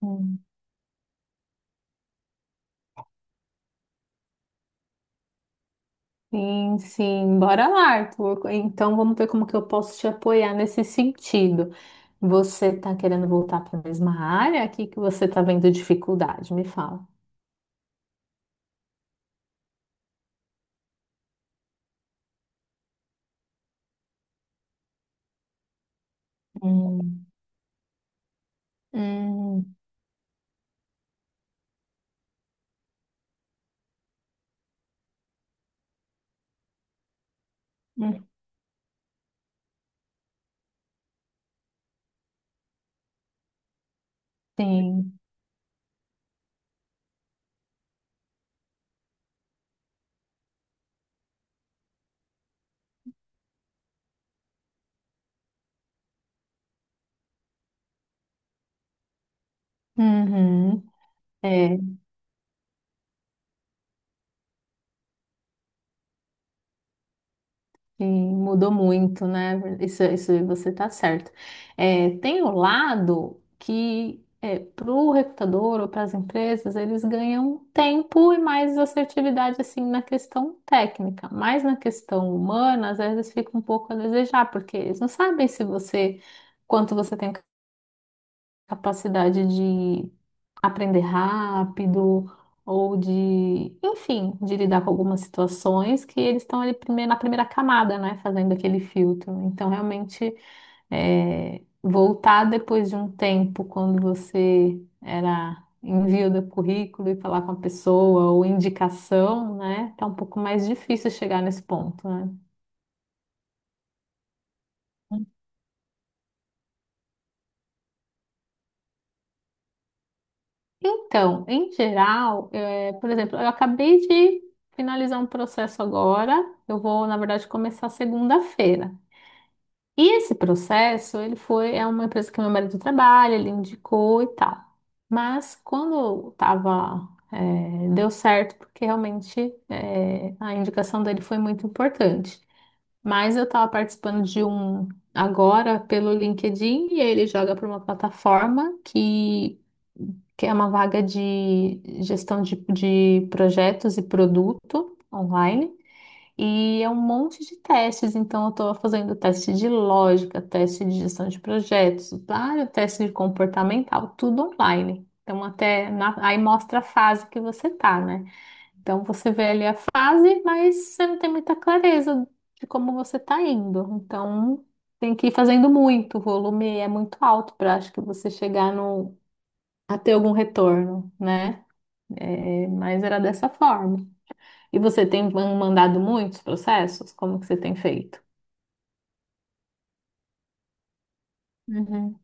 Hum. Sim, sim, bora lá, Arthur. Então vamos ver como que eu posso te apoiar nesse sentido. Você está querendo voltar para a mesma área? O que que você está vendo dificuldade? Me fala. Hum, hum, hum, sim. Uhum. É. Sim, mudou muito, né? Isso você tá certo. É, tem o lado que é, para o recrutador ou para as empresas, eles ganham tempo e mais assertividade assim na questão técnica, mas na questão humana, às vezes fica um pouco a desejar, porque eles não sabem se você quanto você tem capacidade de aprender rápido ou de, enfim, de lidar com algumas situações que eles estão ali na primeira camada, né, fazendo aquele filtro. Então, realmente, é, voltar depois de um tempo, quando você era envio do currículo e falar com a pessoa ou indicação, né, tá um pouco mais difícil chegar nesse ponto, né? Então, em geral, por exemplo, eu acabei de finalizar um processo agora. Eu vou, na verdade, começar segunda-feira. E esse processo, ele foi, é uma empresa que meu marido trabalha, ele indicou e tal. Mas quando tava, deu certo, porque realmente, a indicação dele foi muito importante. Mas eu estava participando de um agora pelo LinkedIn e ele joga para uma plataforma que é uma vaga de gestão de projetos e produto online. E é um monte de testes, então eu estou fazendo teste de lógica, teste de gestão de projetos, vários testes de comportamental, tudo online. Então, até aí mostra a fase que você tá, né? Então, você vê ali a fase, mas você não tem muita clareza de como você está indo. Então, tem que ir fazendo muito, o volume é muito alto para acho que você chegar no, a ter algum retorno, né? É, mas era dessa forma. E você tem mandado muitos processos? Como que você tem feito? Uhum.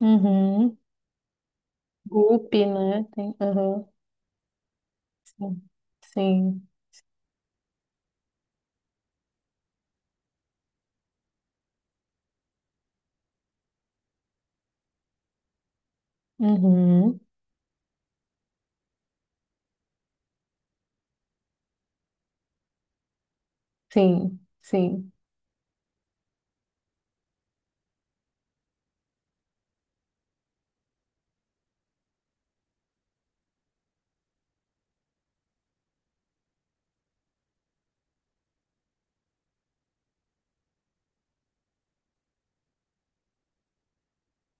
Uhum. Group, né? Tem, uhum. Sim. Sim. Uhum. Sim. Sim.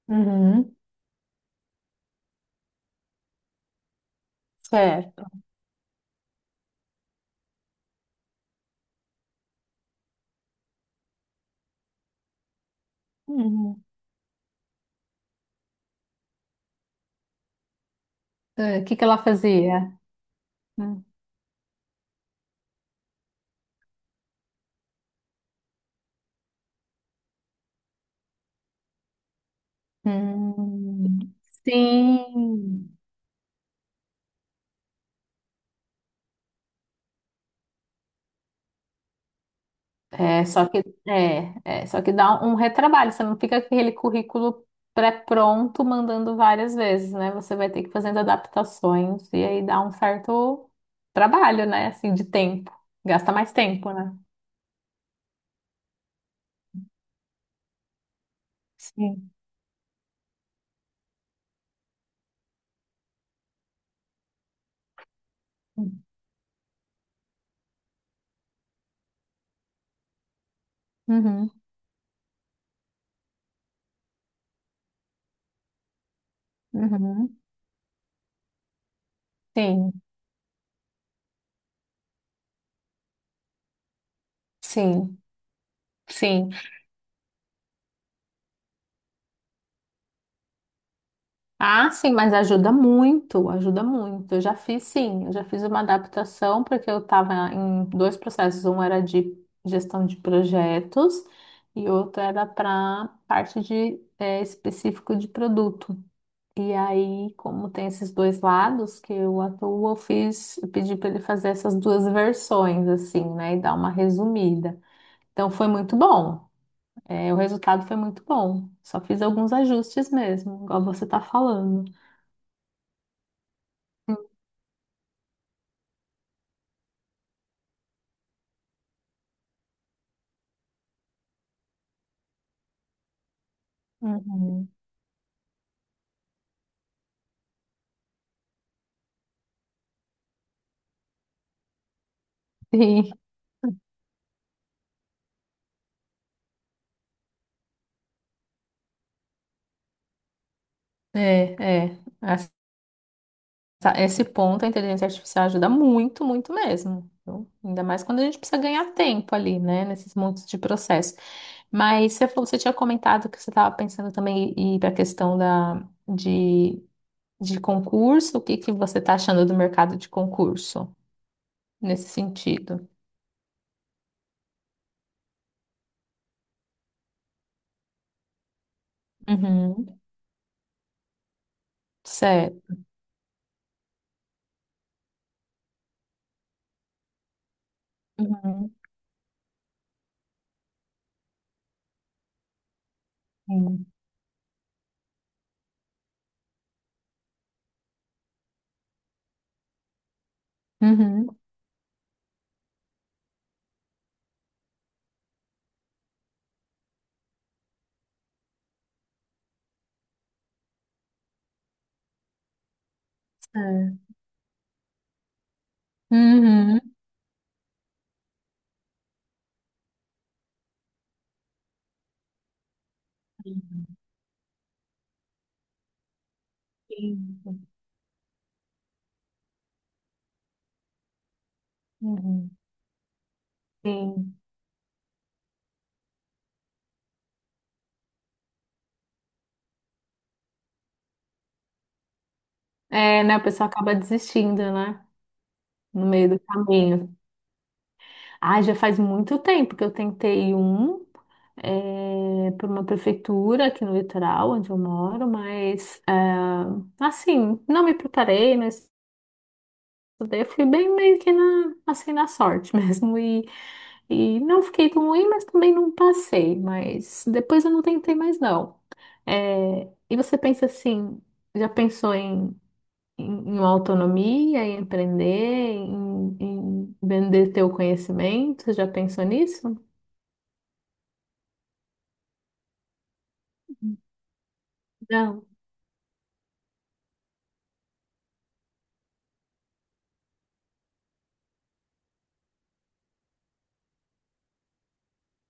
Uhum. Certo. Uhum. É, o que que ela fazia? Hum. Hum. Sim. É, só que só que dá um retrabalho, você não fica com aquele currículo pré-pronto mandando várias vezes, né? Você vai ter que ir fazendo adaptações e aí dá um certo trabalho, né? Assim, de tempo. Gasta mais tempo, né? Sim. Uhum, uhum. Sim, sim, sim. Ah, sim, mas ajuda muito, ajuda muito. Eu já fiz, sim, eu já fiz uma adaptação, porque eu estava em dois processos. Um era de gestão de projetos e outro era para parte de específico de produto. E aí, como tem esses dois lados que eu atuo, eu fiz, eu pedi para ele fazer essas duas versões, assim, né, e dar uma resumida. Então, foi muito bom. O resultado foi muito bom. Só fiz alguns ajustes mesmo, igual você está falando. Uhum. Sim, é, é. Esse ponto a inteligência artificial ajuda muito, muito mesmo. Então, ainda mais quando a gente precisa ganhar tempo ali, né, nesses montes de processo. Mas você falou, você tinha comentado que você estava pensando também em ir para a questão de, de concurso. O que que você está achando do mercado de concurso nesse sentido? Uhum. Certo. Uhum. Sim. Uhum. Certo. Uhum. Sim. Uhum. Sim. É, né? A pessoa acaba desistindo, né? No meio do caminho. Ah, já faz muito tempo que eu tentei um para uma prefeitura aqui no litoral, onde eu moro, mas é, assim, não me preparei, não estudei, eu fui bem meio que na, assim, na sorte mesmo. E não fiquei tão ruim, mas também não passei. Mas depois eu não tentei mais, não. É, e você pensa assim, já pensou em autonomia, em empreender, em vender teu conhecimento? Já pensou nisso? Não.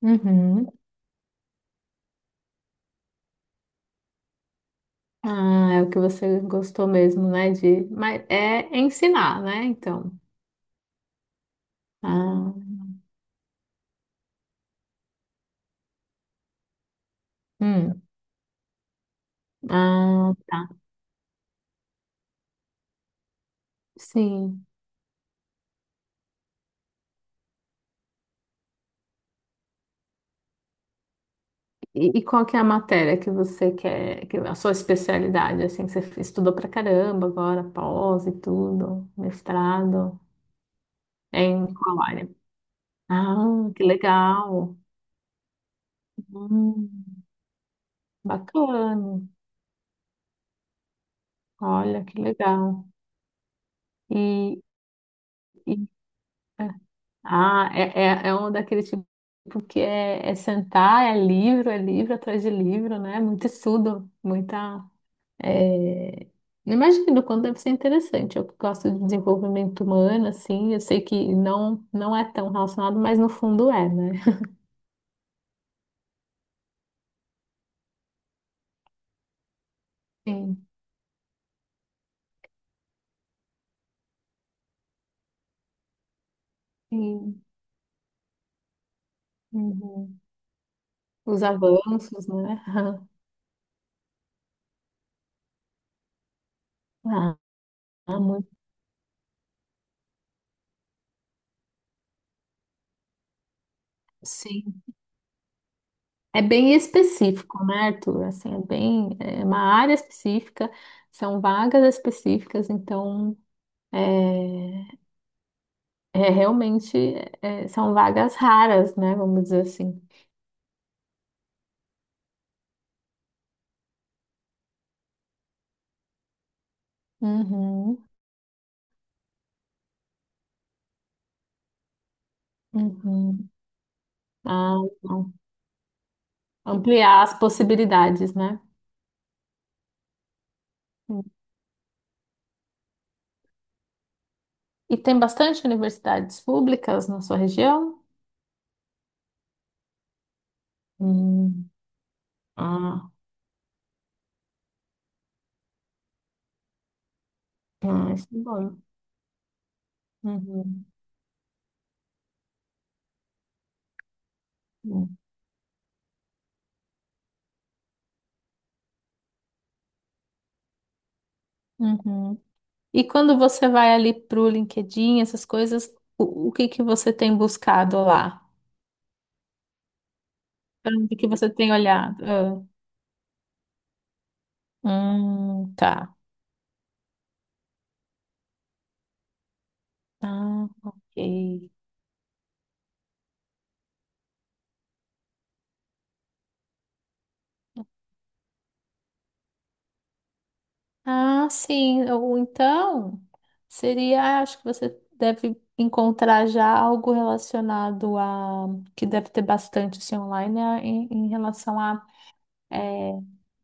Uhum. Ah, é o que você gostou mesmo, né? De, mas é ensinar, né? Então. Ah, hum. Ah, tá. Sim. E qual que é a matéria que você quer, que, a sua especialidade, assim, que você estudou pra caramba agora, pós e tudo, mestrado, é em qual área? Ah, que legal. Hum. Bacana. Olha, que legal. E, e- é, é um daquele tipo que é sentar, é livro atrás de livro, né? Muito estudo, muita. é, Imagino o quanto deve ser interessante. Eu que gosto de desenvolvimento humano, assim, eu sei que não, não é tão relacionado, mas no fundo é, né? Sim, sim. Uhum. Os avanços, né? Ah, muito. Sim. É bem específico, né, Arthur? Assim, é bem, é uma área específica, são vagas específicas, então é, é realmente são vagas raras, né? Vamos dizer assim. Uhum, uhum. Ah, não. Ampliar as possibilidades, né? E tem bastante universidades públicas na sua região? Hum. Ah, ah, isso é bom. Uhum. Uhum. E quando você vai ali pro LinkedIn, essas coisas, o que que você tem buscado lá? Para onde que você tem olhado? Ah, tá. Ah, ok. Ah, sim. Ou então, seria, acho que você deve encontrar já algo relacionado que deve ter bastante assim, online, em, em relação a eh,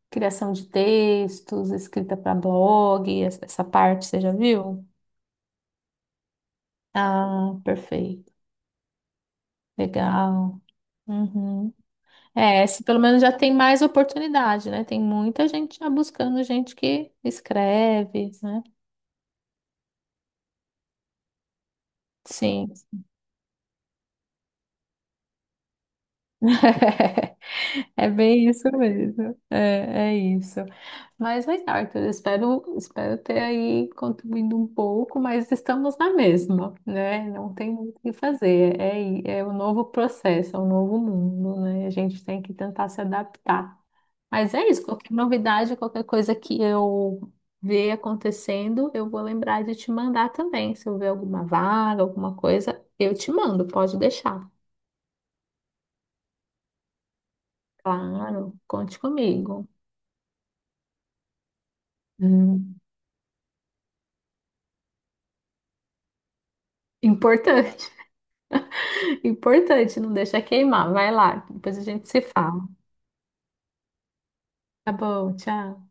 criação de textos, escrita para blog, essa parte, você já viu? Ah, perfeito. Legal. Uhum. É, esse pelo menos já tem mais oportunidade, né? Tem muita gente já buscando gente que escreve, né? Sim. É bem isso mesmo. É, é isso. Mas, Arthur, espero, espero ter aí contribuído um pouco, mas estamos na mesma, né? Não tem muito o que fazer. É o novo processo, é o novo mundo, né? A gente tem que tentar se adaptar. Mas é isso, qualquer novidade, qualquer coisa que eu ver acontecendo, eu vou lembrar de te mandar também. Se eu ver alguma vaga, alguma coisa, eu te mando, pode deixar. Claro, conte comigo. Hum, importante. Importante, não deixa queimar. Vai lá, depois a gente se fala. Tá bom, tchau.